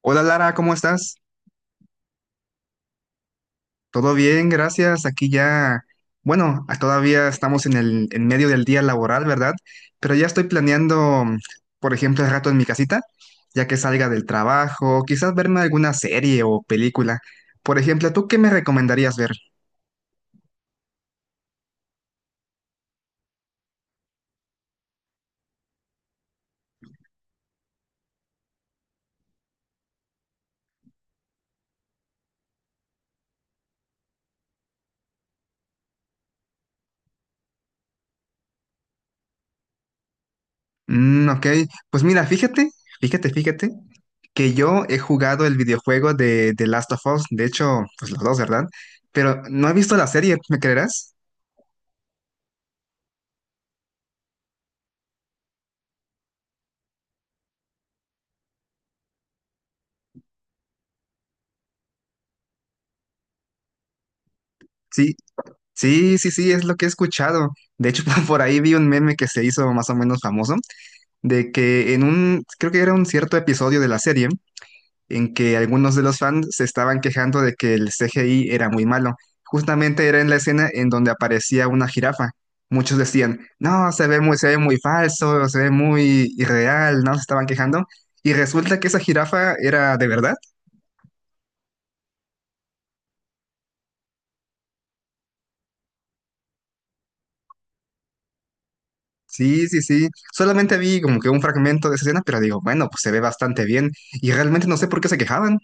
Hola Lara, ¿cómo estás? Todo bien, gracias. Aquí ya, bueno, todavía estamos en el en medio del día laboral, ¿verdad? Pero ya estoy planeando, por ejemplo, el rato en mi casita, ya que salga del trabajo, quizás verme alguna serie o película. Por ejemplo, ¿tú qué me recomendarías ver? Mm, ok, pues mira, fíjate, fíjate, que yo he jugado el videojuego de The Last of Us, de hecho, pues los dos, ¿verdad? Pero no he visto la serie, ¿me creerás? Sí. Sí, sí, sí, es lo que he escuchado. De hecho, por ahí vi un meme que se hizo más o menos famoso, de que creo que era un cierto episodio de la serie, en que algunos de los fans se estaban quejando de que el CGI era muy malo. Justamente era en la escena en donde aparecía una jirafa. Muchos decían, no, se ve muy falso, se ve muy irreal, ¿no? Se estaban quejando. Y resulta que esa jirafa era de verdad. Sí, sí, sí. Solamente vi como que un fragmento de esa escena, pero digo, bueno, pues se ve bastante bien. Y realmente no sé por qué se quejaban.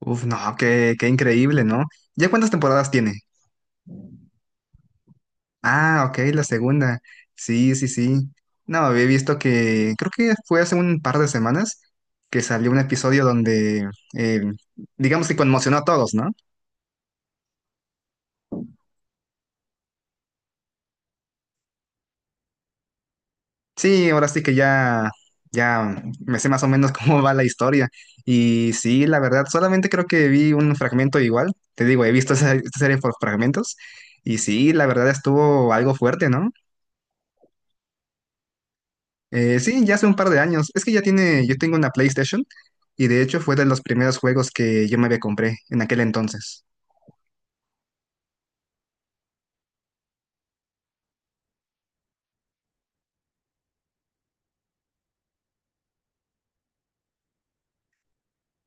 Uf, no, qué increíble, ¿no? ¿Ya cuántas temporadas tiene? Ah, ok, la segunda. Sí, sí, sí. No, había visto que, creo que fue hace un par de semanas que salió un episodio donde, eh, digamos que conmocionó a todos, ¿no? Sí, ahora sí que ya, ya me sé más o menos cómo va la historia. Y sí, la verdad, solamente creo que vi un fragmento igual. Te digo, he visto esta serie por fragmentos. Y sí, la verdad estuvo algo fuerte, ¿no? Sí, ya hace un par de años. Es que ya tiene, yo tengo una PlayStation y de hecho fue de los primeros juegos que yo me había compré en aquel entonces.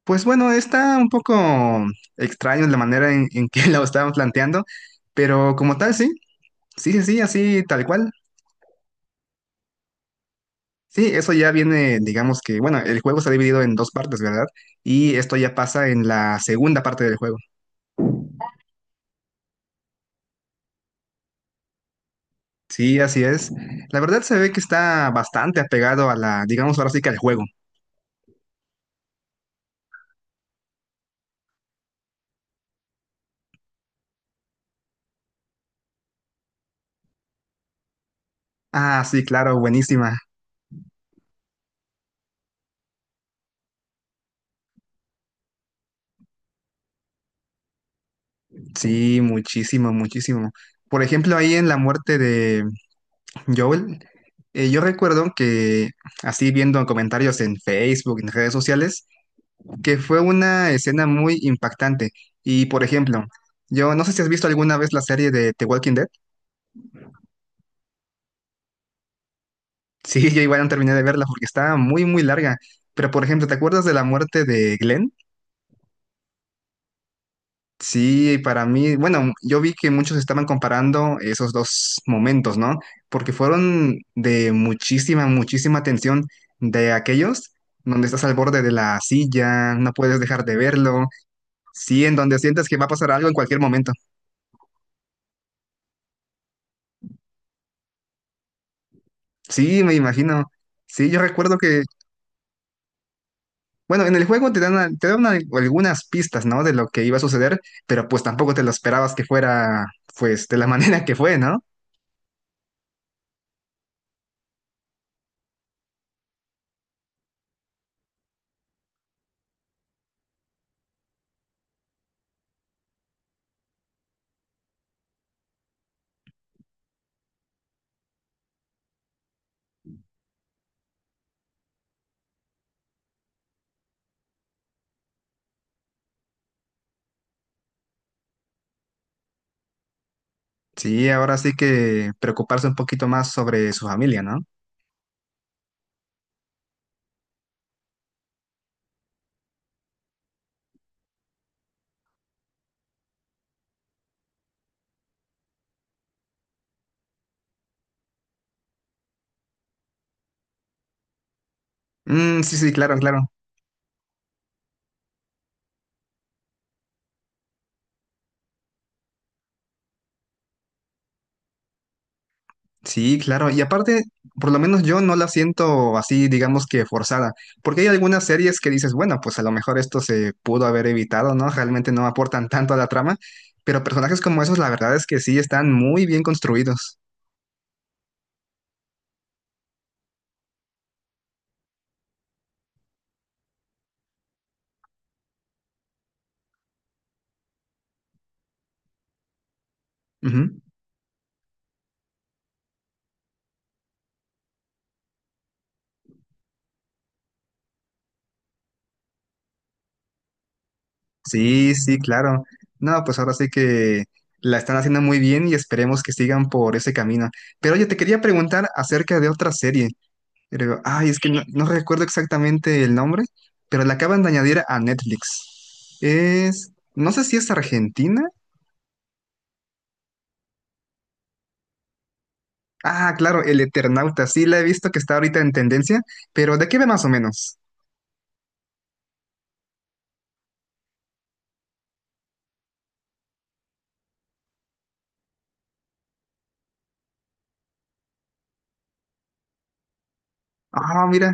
Pues bueno, está un poco extraño la manera en que lo estaban planteando, pero como tal, sí, sí, sí, sí, así tal cual. Sí, eso ya viene, digamos que, bueno, el juego está dividido en dos partes, ¿verdad? Y esto ya pasa en la segunda parte del juego. Sí, así es. La verdad se ve que está bastante apegado a la, digamos ahora sí que al juego. Ah, sí, claro, buenísima. Sí, muchísimo, muchísimo. Por ejemplo, ahí en la muerte de Joel, yo recuerdo que, así viendo comentarios en Facebook, en redes sociales, que fue una escena muy impactante. Y, por ejemplo, yo no sé si has visto alguna vez la serie de The Walking Dead. Sí, yo igual no terminé de verla porque estaba muy larga. Pero, por ejemplo, ¿te acuerdas de la muerte de Glenn? Sí, para mí, bueno, yo vi que muchos estaban comparando esos dos momentos, ¿no? Porque fueron de muchísima, muchísima tensión de aquellos donde estás al borde de la silla, no puedes dejar de verlo, sí, en donde sientes que va a pasar algo en cualquier momento. Sí, me imagino. Sí, yo recuerdo que bueno, en el juego te dan, te dan algunas pistas, ¿no? De lo que iba a suceder, pero pues tampoco te lo esperabas que fuera, pues, de la manera que fue, ¿no? Sí, ahora sí que preocuparse un poquito más sobre su familia, ¿no? Mm, sí, sí, claro, claro. Sí, claro. Y aparte, por lo menos yo no la siento así, digamos que forzada, porque hay algunas series que dices, bueno, pues a lo mejor esto se pudo haber evitado, ¿no? Realmente no aportan tanto a la trama, pero personajes como esos, la verdad es que sí están muy bien construidos. Sí, sí, claro. No, pues ahora sí que la están haciendo muy bien y esperemos que sigan por ese camino. Pero oye, te quería preguntar acerca de otra serie. Pero, ay, es que no recuerdo exactamente el nombre, pero la acaban de añadir a Netflix. Es, no sé si es Argentina. Ah, claro, El Eternauta. Sí, la he visto que está ahorita en tendencia, pero ¿de qué ve más o menos? Ah, mira.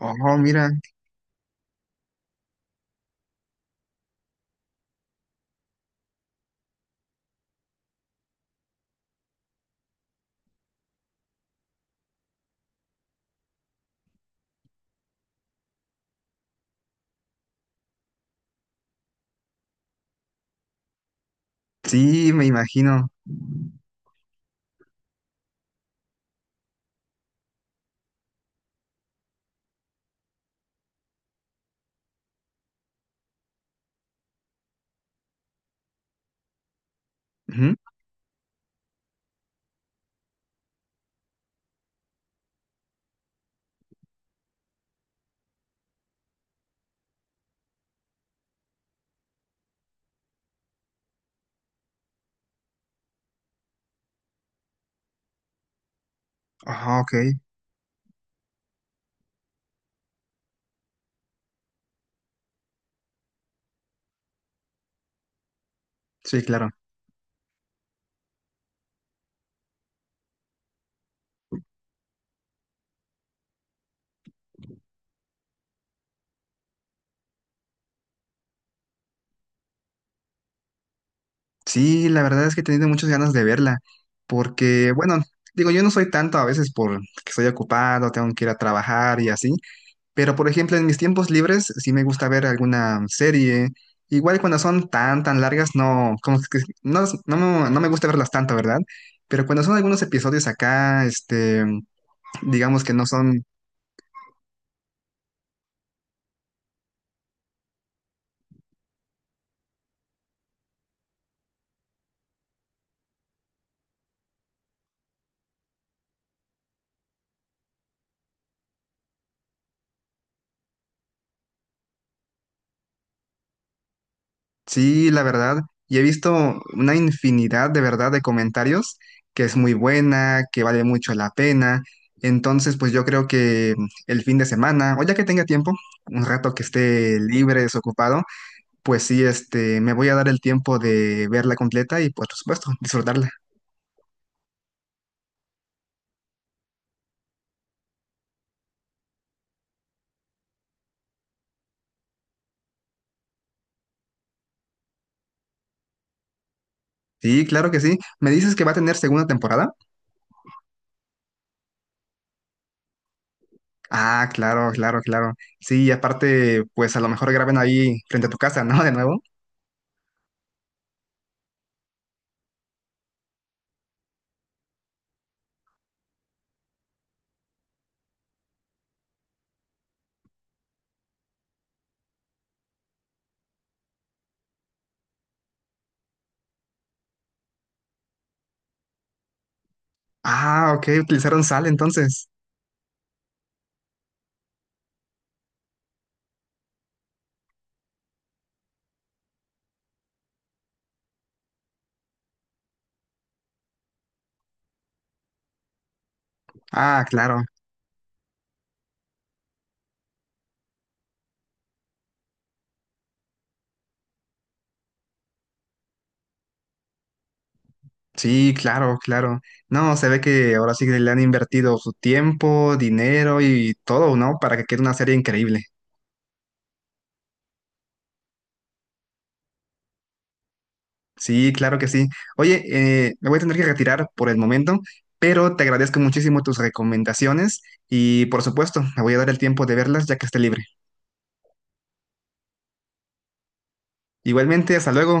Oh, mira. Sí, me imagino. Ujú. Ah, ok. Sí, claro. Sí, la verdad es que he tenido muchas ganas de verla, porque, bueno, digo, yo no soy tanto a veces porque estoy ocupado, tengo que ir a trabajar y así, pero por ejemplo, en mis tiempos libres sí me gusta ver alguna serie. Igual cuando son tan largas, no, como que no me gusta verlas tanto, ¿verdad? Pero cuando son algunos episodios acá, este, digamos que no son sí, la verdad, y he visto una infinidad de verdad de comentarios que es muy buena, que vale mucho la pena. Entonces, pues yo creo que el fin de semana, o ya que tenga tiempo, un rato que esté libre, desocupado, pues sí, este, me voy a dar el tiempo de verla completa y pues, por supuesto, disfrutarla. Sí, claro que sí. ¿Me dices que va a tener segunda temporada? Ah, claro, claro, claro. Sí, y aparte, pues a lo mejor graben ahí frente a tu casa, ¿no? De nuevo. Ah, ok, utilizaron sal entonces. Ah, claro. Sí, claro, claro. No, se ve que ahora sí que le han invertido su tiempo, dinero y todo, ¿no? Para que quede una serie increíble. Sí, claro que sí. Oye, me voy a tener que retirar por el momento, pero te agradezco muchísimo tus recomendaciones y por supuesto, me voy a dar el tiempo de verlas ya que esté libre. Igualmente, hasta luego.